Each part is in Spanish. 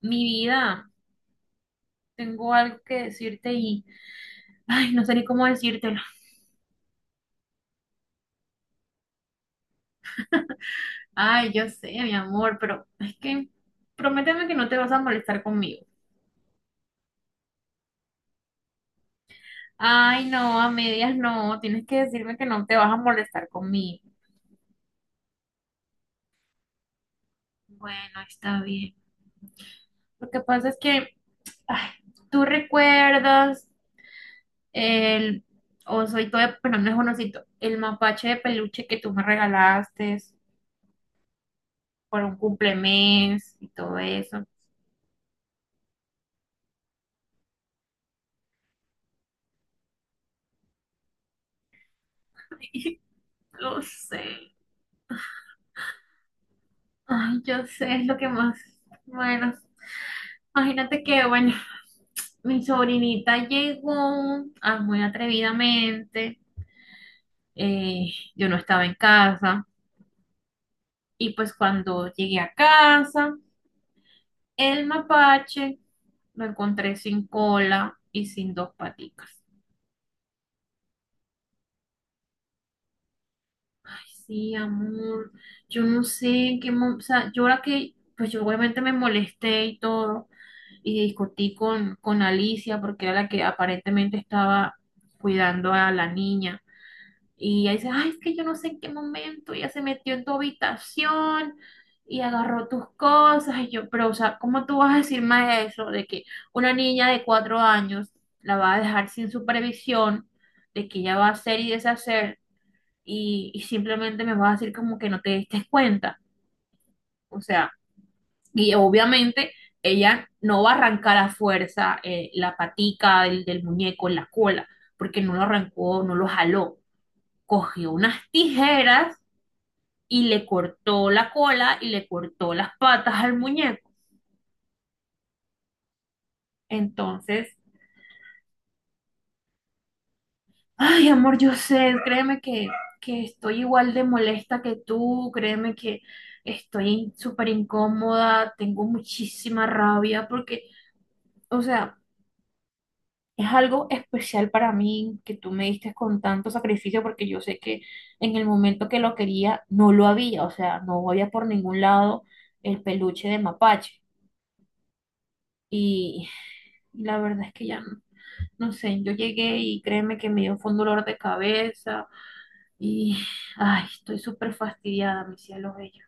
Mi vida, tengo algo que decirte y, no sé ni cómo decírtelo. Yo sé, mi amor, pero es que prométeme que no te vas a molestar conmigo. Ay, no, a medias no, tienes que decirme que no te vas a molestar conmigo. Bueno, está bien. Lo que pasa es que, ay, tú recuerdas el osito de, bueno, no es un osito, el mapache de peluche que tú me regalaste por un cumplemes y todo eso. Lo sé. Ay, yo sé, es lo que más. Bueno, imagínate que, bueno, mi sobrinita llegó muy atrevidamente. eh, yo no estaba en casa. Y pues cuando llegué a casa, el mapache lo encontré sin cola y sin dos paticas. Ay, sí, amor. Yo no sé en qué. Mo- O sea, yo ahora que, pues yo obviamente me molesté y todo, y discutí con Alicia porque era la que aparentemente estaba cuidando a la niña. Y ella dice, ay, es que yo no sé en qué momento ella se metió en tu habitación y agarró tus cosas. Y yo, pero, o sea, ¿cómo tú vas a decir más eso de que una niña de cuatro años la va a dejar sin supervisión, de que ella va a hacer y deshacer y simplemente me vas a decir como que no te diste cuenta? O sea, y obviamente ella no va a arrancar a fuerza la patica del muñeco en la cola, porque no lo arrancó, no lo jaló. Cogió unas tijeras y le cortó la cola y le cortó las patas al muñeco. Entonces, ay, amor, yo sé, créeme que estoy igual de molesta que tú, créeme que estoy súper incómoda, tengo muchísima rabia porque, o sea, es algo especial para mí que tú me diste con tanto sacrificio porque yo sé que en el momento que lo quería no lo había, o sea, no había por ningún lado el peluche de mapache. Y la verdad es que ya no, no sé, yo llegué y créeme que me dio fue un dolor de cabeza y estoy súper fastidiada, mi cielo bello.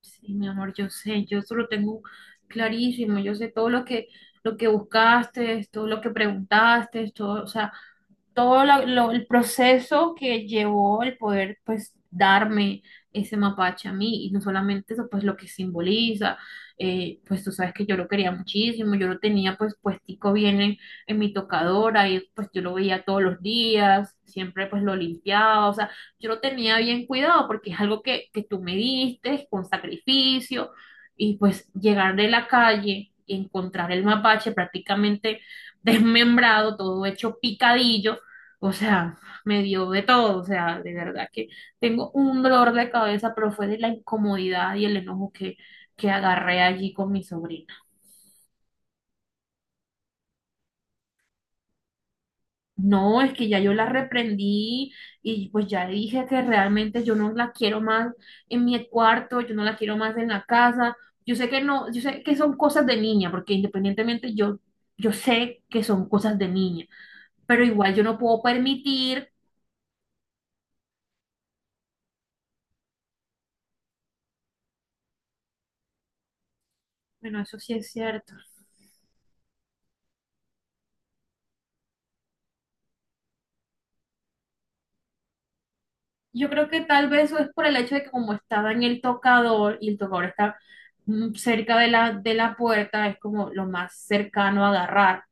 Sí, mi amor, yo sé, yo eso lo tengo clarísimo, yo sé todo lo que buscaste, todo lo que preguntaste, todo, o sea, el proceso que llevó el poder, pues, darme ese mapache a mí, y no solamente eso, pues, lo que simboliza, pues, tú sabes que yo lo quería muchísimo, yo lo tenía, pues, puestico bien en mi tocadora, y pues, yo lo veía todos los días, siempre, pues, lo limpiaba, o sea, yo lo tenía bien cuidado, porque es algo que tú me diste, con sacrificio, y pues, llegar de la calle y encontrar el mapache prácticamente desmembrado, todo hecho picadillo, o sea, me dio de todo, o sea, de verdad que tengo un dolor de cabeza, pero fue de la incomodidad y el enojo que agarré allí con mi sobrina. No, es que ya yo la reprendí y pues ya dije que realmente yo no la quiero más en mi cuarto, yo no la quiero más en la casa. Yo sé que no, yo sé que son cosas de niña, porque independientemente yo, yo sé que son cosas de niña, pero igual yo no puedo permitir, bueno, eso sí es cierto. Yo creo que tal vez eso es por el hecho de que como estaba en el tocador y el tocador está cerca de la puerta, es como lo más cercano a agarrar,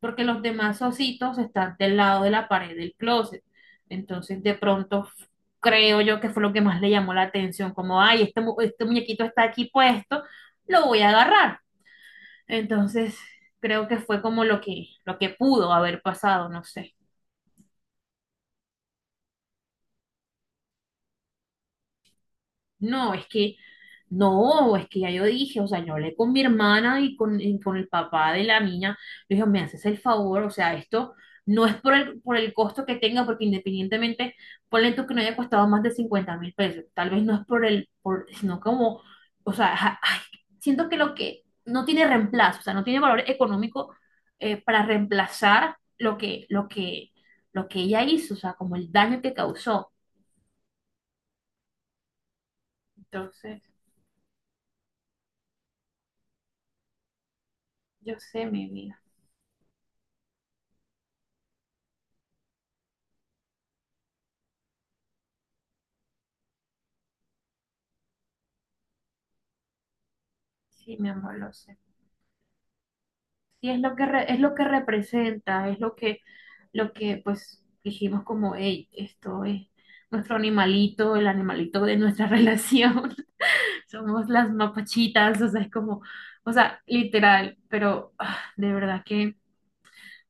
porque los demás ositos están del lado de la pared del closet. Entonces de pronto f- Creo yo que fue lo que más le llamó la atención, como, ay, este muñequito está aquí puesto, lo voy a agarrar. Entonces creo que fue como lo que pudo haber pasado, no sé. No, es que, no, es que ya yo dije, o sea, yo hablé con mi hermana y con el papá de la niña, le dije, me haces el favor, o sea, esto no es por por el costo que tenga, porque independientemente, ponle tú que no haya costado más de 50 mil pesos, tal vez no es por sino como, o sea, siento que lo que no tiene reemplazo, o sea, no tiene valor económico para reemplazar lo que ella hizo, o sea, como el daño que causó. Entonces, yo sé, mi vida. Sí, mi amor, lo sé. Sí, es es lo que representa, es lo que pues dijimos como, hey, esto es nuestro animalito, el animalito de nuestra relación. Somos las mapachitas, o sea, es como, o sea, literal, pero de verdad que,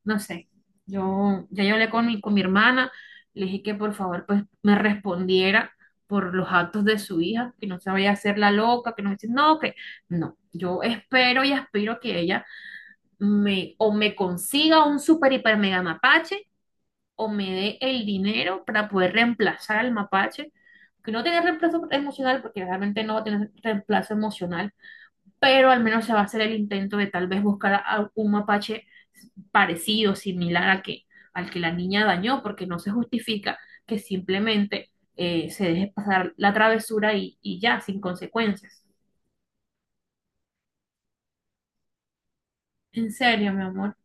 no sé, yo ya yo hablé con mi hermana, le dije que por favor pues me respondiera por los actos de su hija, que no se vaya a hacer la loca, que no dice, no, que no, yo espero y aspiro que ella o me consiga un super hiper mega mapache o me dé el dinero para poder reemplazar al mapache, que no tiene reemplazo emocional porque realmente no va a tener reemplazo emocional, pero al menos se va a hacer el intento de tal vez buscar a un mapache parecido, similar al que la niña dañó, porque no se justifica que simplemente se deje pasar la travesura y ya, sin consecuencias. En serio, mi amor,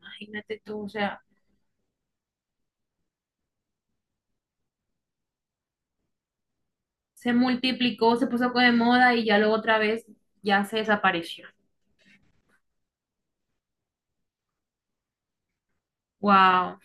imagínate tú, o sea... se multiplicó, se puso de moda y ya luego otra vez ya se desapareció. Wow.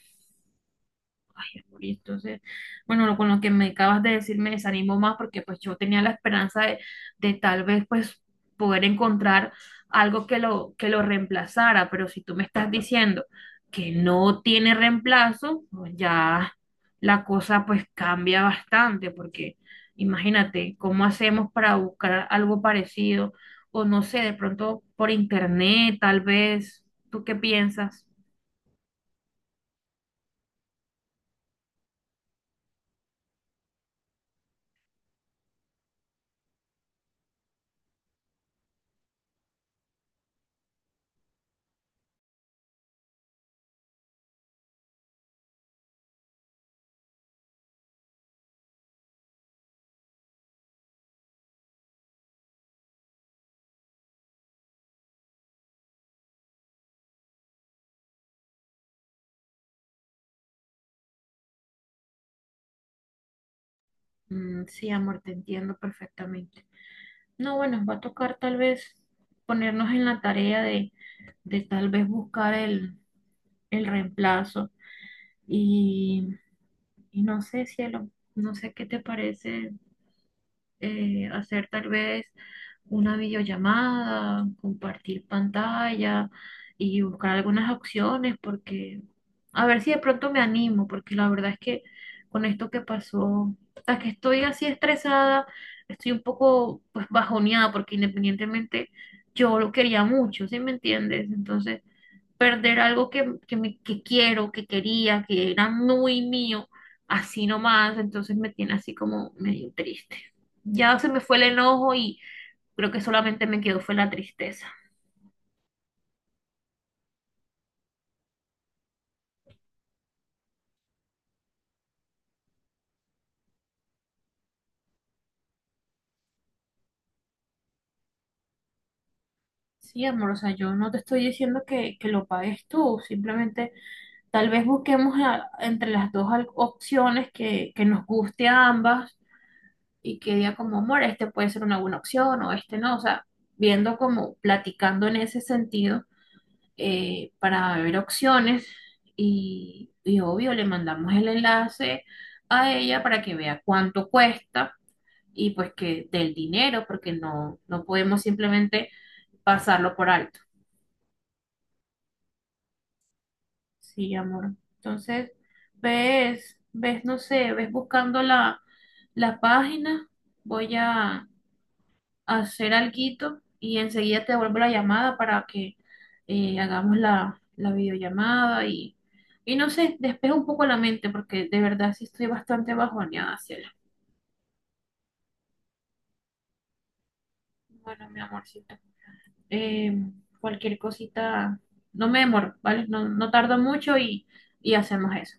Listo. Entonces, con lo que me acabas de decir me desanimo más porque pues yo tenía la esperanza de tal vez pues poder encontrar algo que lo reemplazara, pero si tú me estás diciendo que no tiene reemplazo, pues, ya la cosa pues cambia bastante porque imagínate cómo hacemos para buscar algo parecido o no sé, de pronto por internet tal vez, ¿tú qué piensas? Sí, amor, te entiendo perfectamente. No, bueno, va a tocar tal vez ponernos en la tarea de tal vez buscar el reemplazo. Y, y no sé, cielo, no sé qué te parece hacer tal vez una videollamada, compartir pantalla y buscar algunas opciones porque a ver si de pronto me animo, porque la verdad es que con esto que pasó, hasta que estoy así estresada, estoy un poco pues bajoneada porque independientemente yo lo quería mucho, ¿sí me entiendes? Entonces, perder algo que quiero, que quería, que era muy mío, así nomás, entonces me tiene así como medio triste. Ya se me fue el enojo y creo que solamente me quedó fue la tristeza. Sí, amor, o sea, yo no te estoy diciendo que lo pagues tú, simplemente tal vez entre las dos opciones que nos guste a ambas y que diga como, amor, este puede ser una buena opción o este no, o sea, viendo como platicando en ese sentido para ver opciones y obvio le mandamos el enlace a ella para que vea cuánto cuesta y pues que del dinero, porque no, no podemos simplemente pasarlo por alto. Sí, amor. Entonces, ves, ves, no sé, ves buscando la, la página. Voy a hacer alguito y enseguida te devuelvo la llamada para que hagamos la, la videollamada y no sé, despejo un poco la mente porque de verdad sí estoy bastante bajoneada, Ciela. Bueno, mi amorcito, eh, cualquier cosita, no me demoro, ¿vale? No, no tardo mucho y hacemos eso.